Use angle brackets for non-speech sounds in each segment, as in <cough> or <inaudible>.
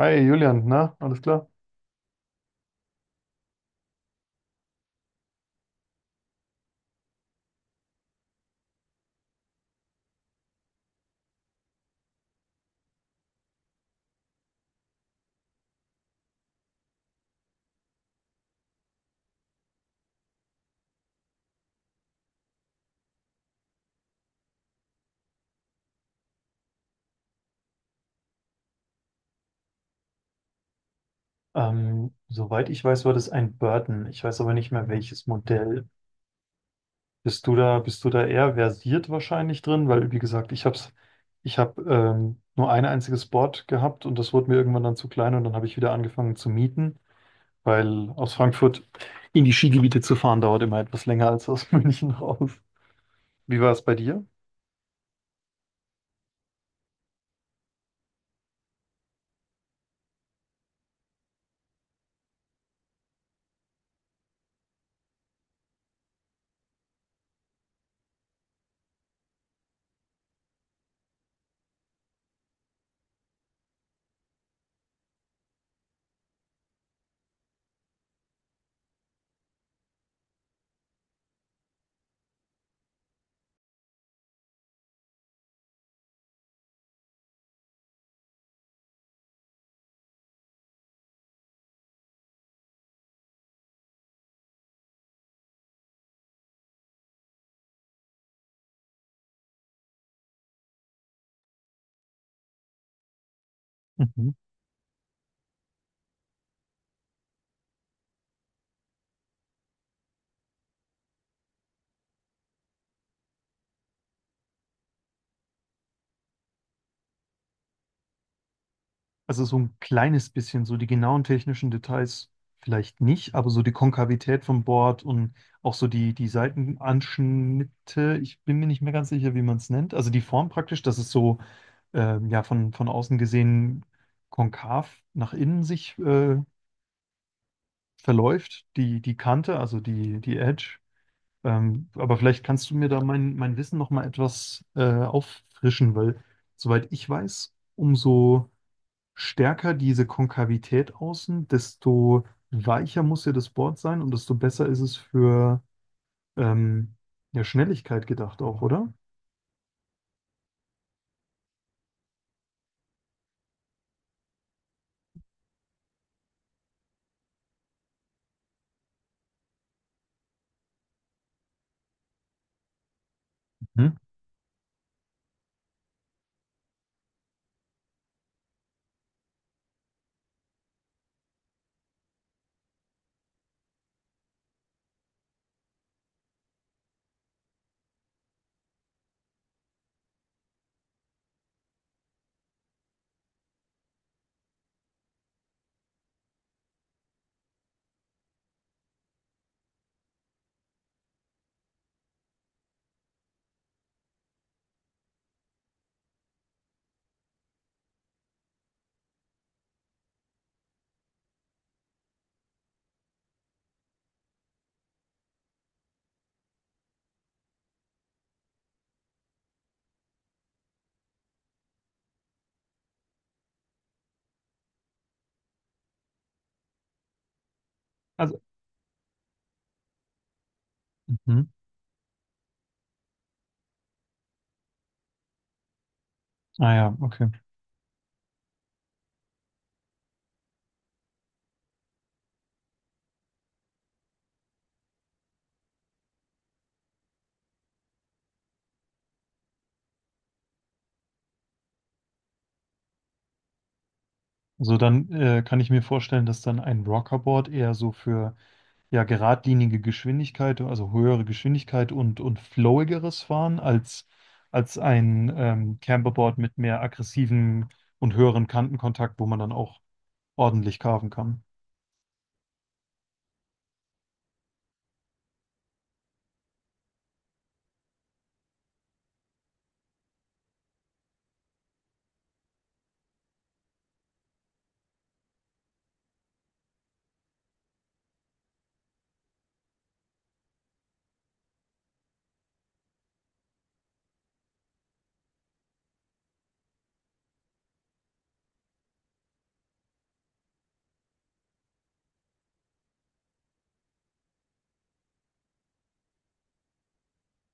Hi Julian, na, alles klar? Soweit ich weiß, war das ein Burton. Ich weiß aber nicht mehr welches Modell. Bist du da eher versiert wahrscheinlich drin? Weil, wie gesagt, ich habe nur ein einziges Board gehabt und das wurde mir irgendwann dann zu klein und dann habe ich wieder angefangen zu mieten, weil aus Frankfurt in die Skigebiete zu fahren dauert immer etwas länger als aus <laughs> München raus. Wie war es bei dir? Mhm. Also so ein kleines bisschen, so die genauen technischen Details vielleicht nicht, aber so die Konkavität vom Board und auch so die Seitenanschnitte, ich bin mir nicht mehr ganz sicher, wie man es nennt. Also die Form praktisch, dass es so ja, von außen gesehen konkav nach innen sich verläuft, die Kante, also die Edge. Aber vielleicht kannst du mir da mein Wissen nochmal etwas auffrischen, weil soweit ich weiß, umso stärker diese Konkavität außen, desto weicher muss ja das Board sein und desto besser ist es für ähm, ja, Schnelligkeit gedacht auch, oder? Mhm. Also, mhm, ah ja, okay. Also dann kann ich mir vorstellen, dass dann ein Rockerboard eher so für ja geradlinige Geschwindigkeit, also höhere Geschwindigkeit und flowigeres Fahren als als ein Camperboard mit mehr aggressiven und höheren Kantenkontakt, wo man dann auch ordentlich carven kann.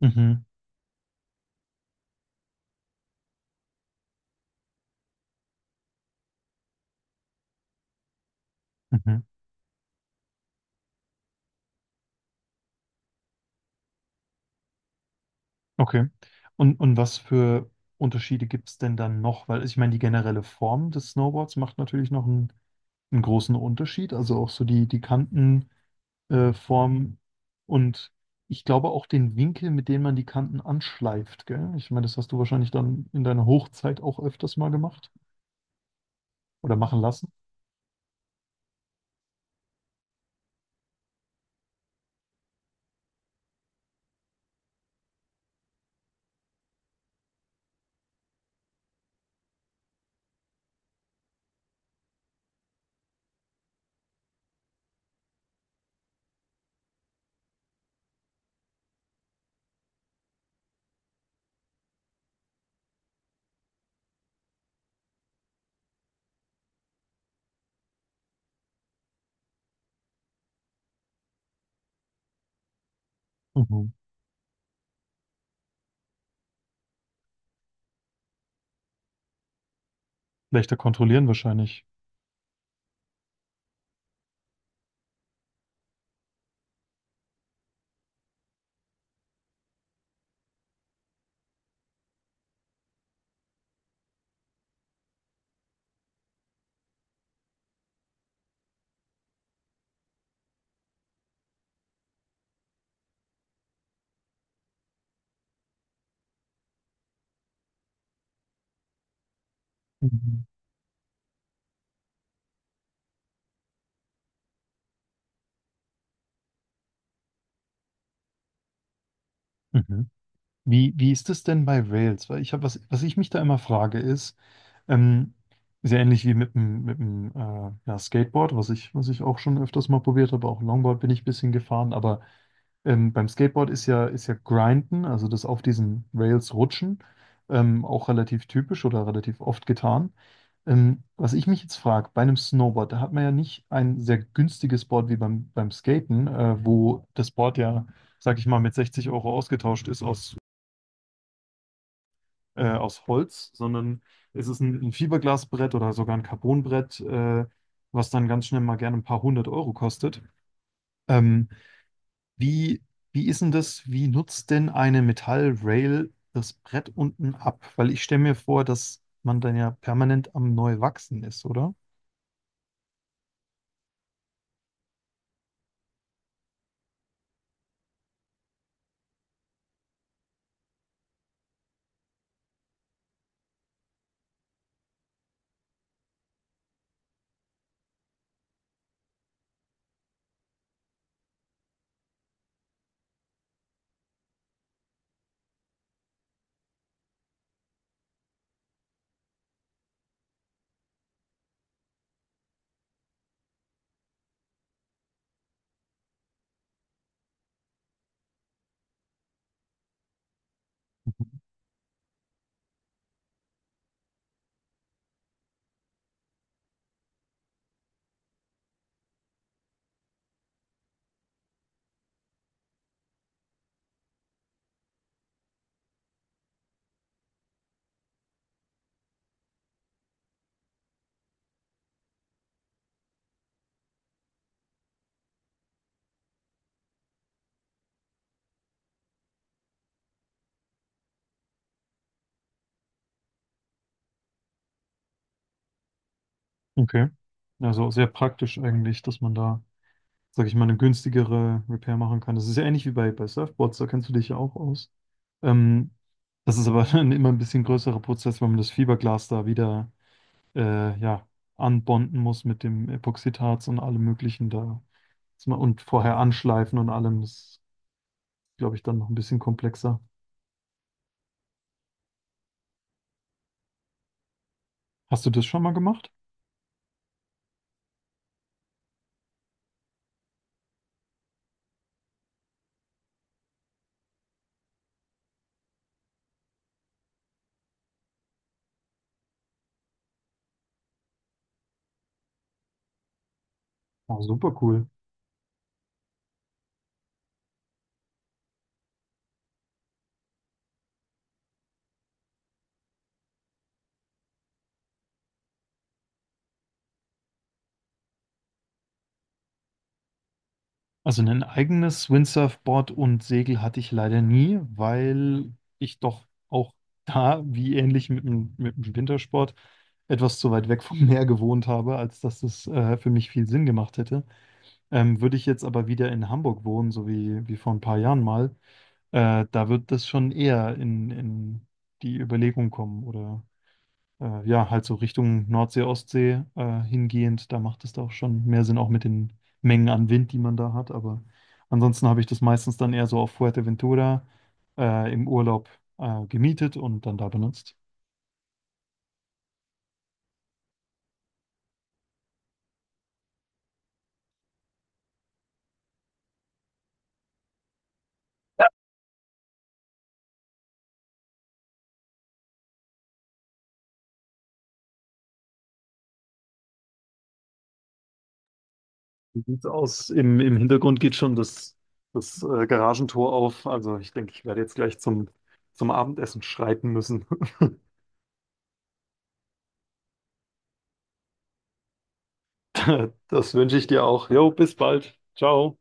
Mhm. Mhm. Okay. Und was für Unterschiede gibt es denn dann noch? Weil also, ich meine, die generelle Form des Snowboards macht natürlich noch einen, einen großen Unterschied. Also auch so die Kantenform Form und ich glaube auch den Winkel, mit dem man die Kanten anschleift, gell? Ich meine, das hast du wahrscheinlich dann in deiner Hochzeit auch öfters mal gemacht oder machen lassen. Mhm. Leichter kontrollieren wahrscheinlich. Mhm. Mhm. Wie ist es denn bei Rails? Weil ich habe, was ich mich da immer frage, ist, ähm, sehr ähnlich wie mit dem ja, Skateboard, was ich auch schon öfters mal probiert habe, auch Longboard bin ich ein bisschen gefahren, aber beim Skateboard ist ja Grinden, also das auf diesen Rails rutschen, auch relativ typisch oder relativ oft getan. Was ich mich jetzt frage, bei einem Snowboard, da hat man ja nicht ein sehr günstiges Board wie beim Skaten, wo das Board ja, sag ich mal, mit 60 € ausgetauscht ist aus aus Holz, sondern es ist ein Fiberglasbrett oder sogar ein Carbonbrett, was dann ganz schnell mal gerne ein paar hundert Euro kostet. Ähm, wie, wie ist denn das? Wie nutzt denn eine Metallrail das Brett unten ab? Weil ich stelle mir vor, dass man dann ja permanent am Neuwachsen ist, oder? Mhm. Okay. Also sehr praktisch eigentlich, dass man da sag ich mal, eine günstigere Repair machen kann. Das ist ja ähnlich wie bei Surfboards, da kennst du dich ja auch aus. Ähm, das ist aber <laughs> dann immer ein bisschen größerer Prozess, weil man das Fiberglas da wieder ja, anbonden muss mit dem Epoxidharz und allem Möglichen da. Und vorher anschleifen und allem, das ist, glaube ich, dann noch ein bisschen komplexer. Hast du das schon mal gemacht? Oh, super cool. Also ein eigenes Windsurfboard und Segel hatte ich leider nie, weil ich doch auch <laughs> da, wie ähnlich mit dem Wintersport, etwas zu weit weg vom <laughs> Meer gewohnt habe, als dass es für mich viel Sinn gemacht hätte. Würde ich jetzt aber wieder in Hamburg wohnen, so wie vor ein paar Jahren mal, da wird das schon eher in die Überlegung kommen oder ja, halt so Richtung Nordsee, Ostsee hingehend, da macht es da auch schon mehr Sinn, auch mit den Mengen an Wind, die man da hat. Aber ansonsten habe ich das meistens dann eher so auf Fuerteventura im Urlaub gemietet und dann da benutzt. Wie sieht's aus? Im Hintergrund geht schon das, das Garagentor auf. Also ich denke, ich werde jetzt gleich zum Abendessen schreiten müssen. <laughs> Das wünsche ich dir auch. Jo, bis bald. Ciao.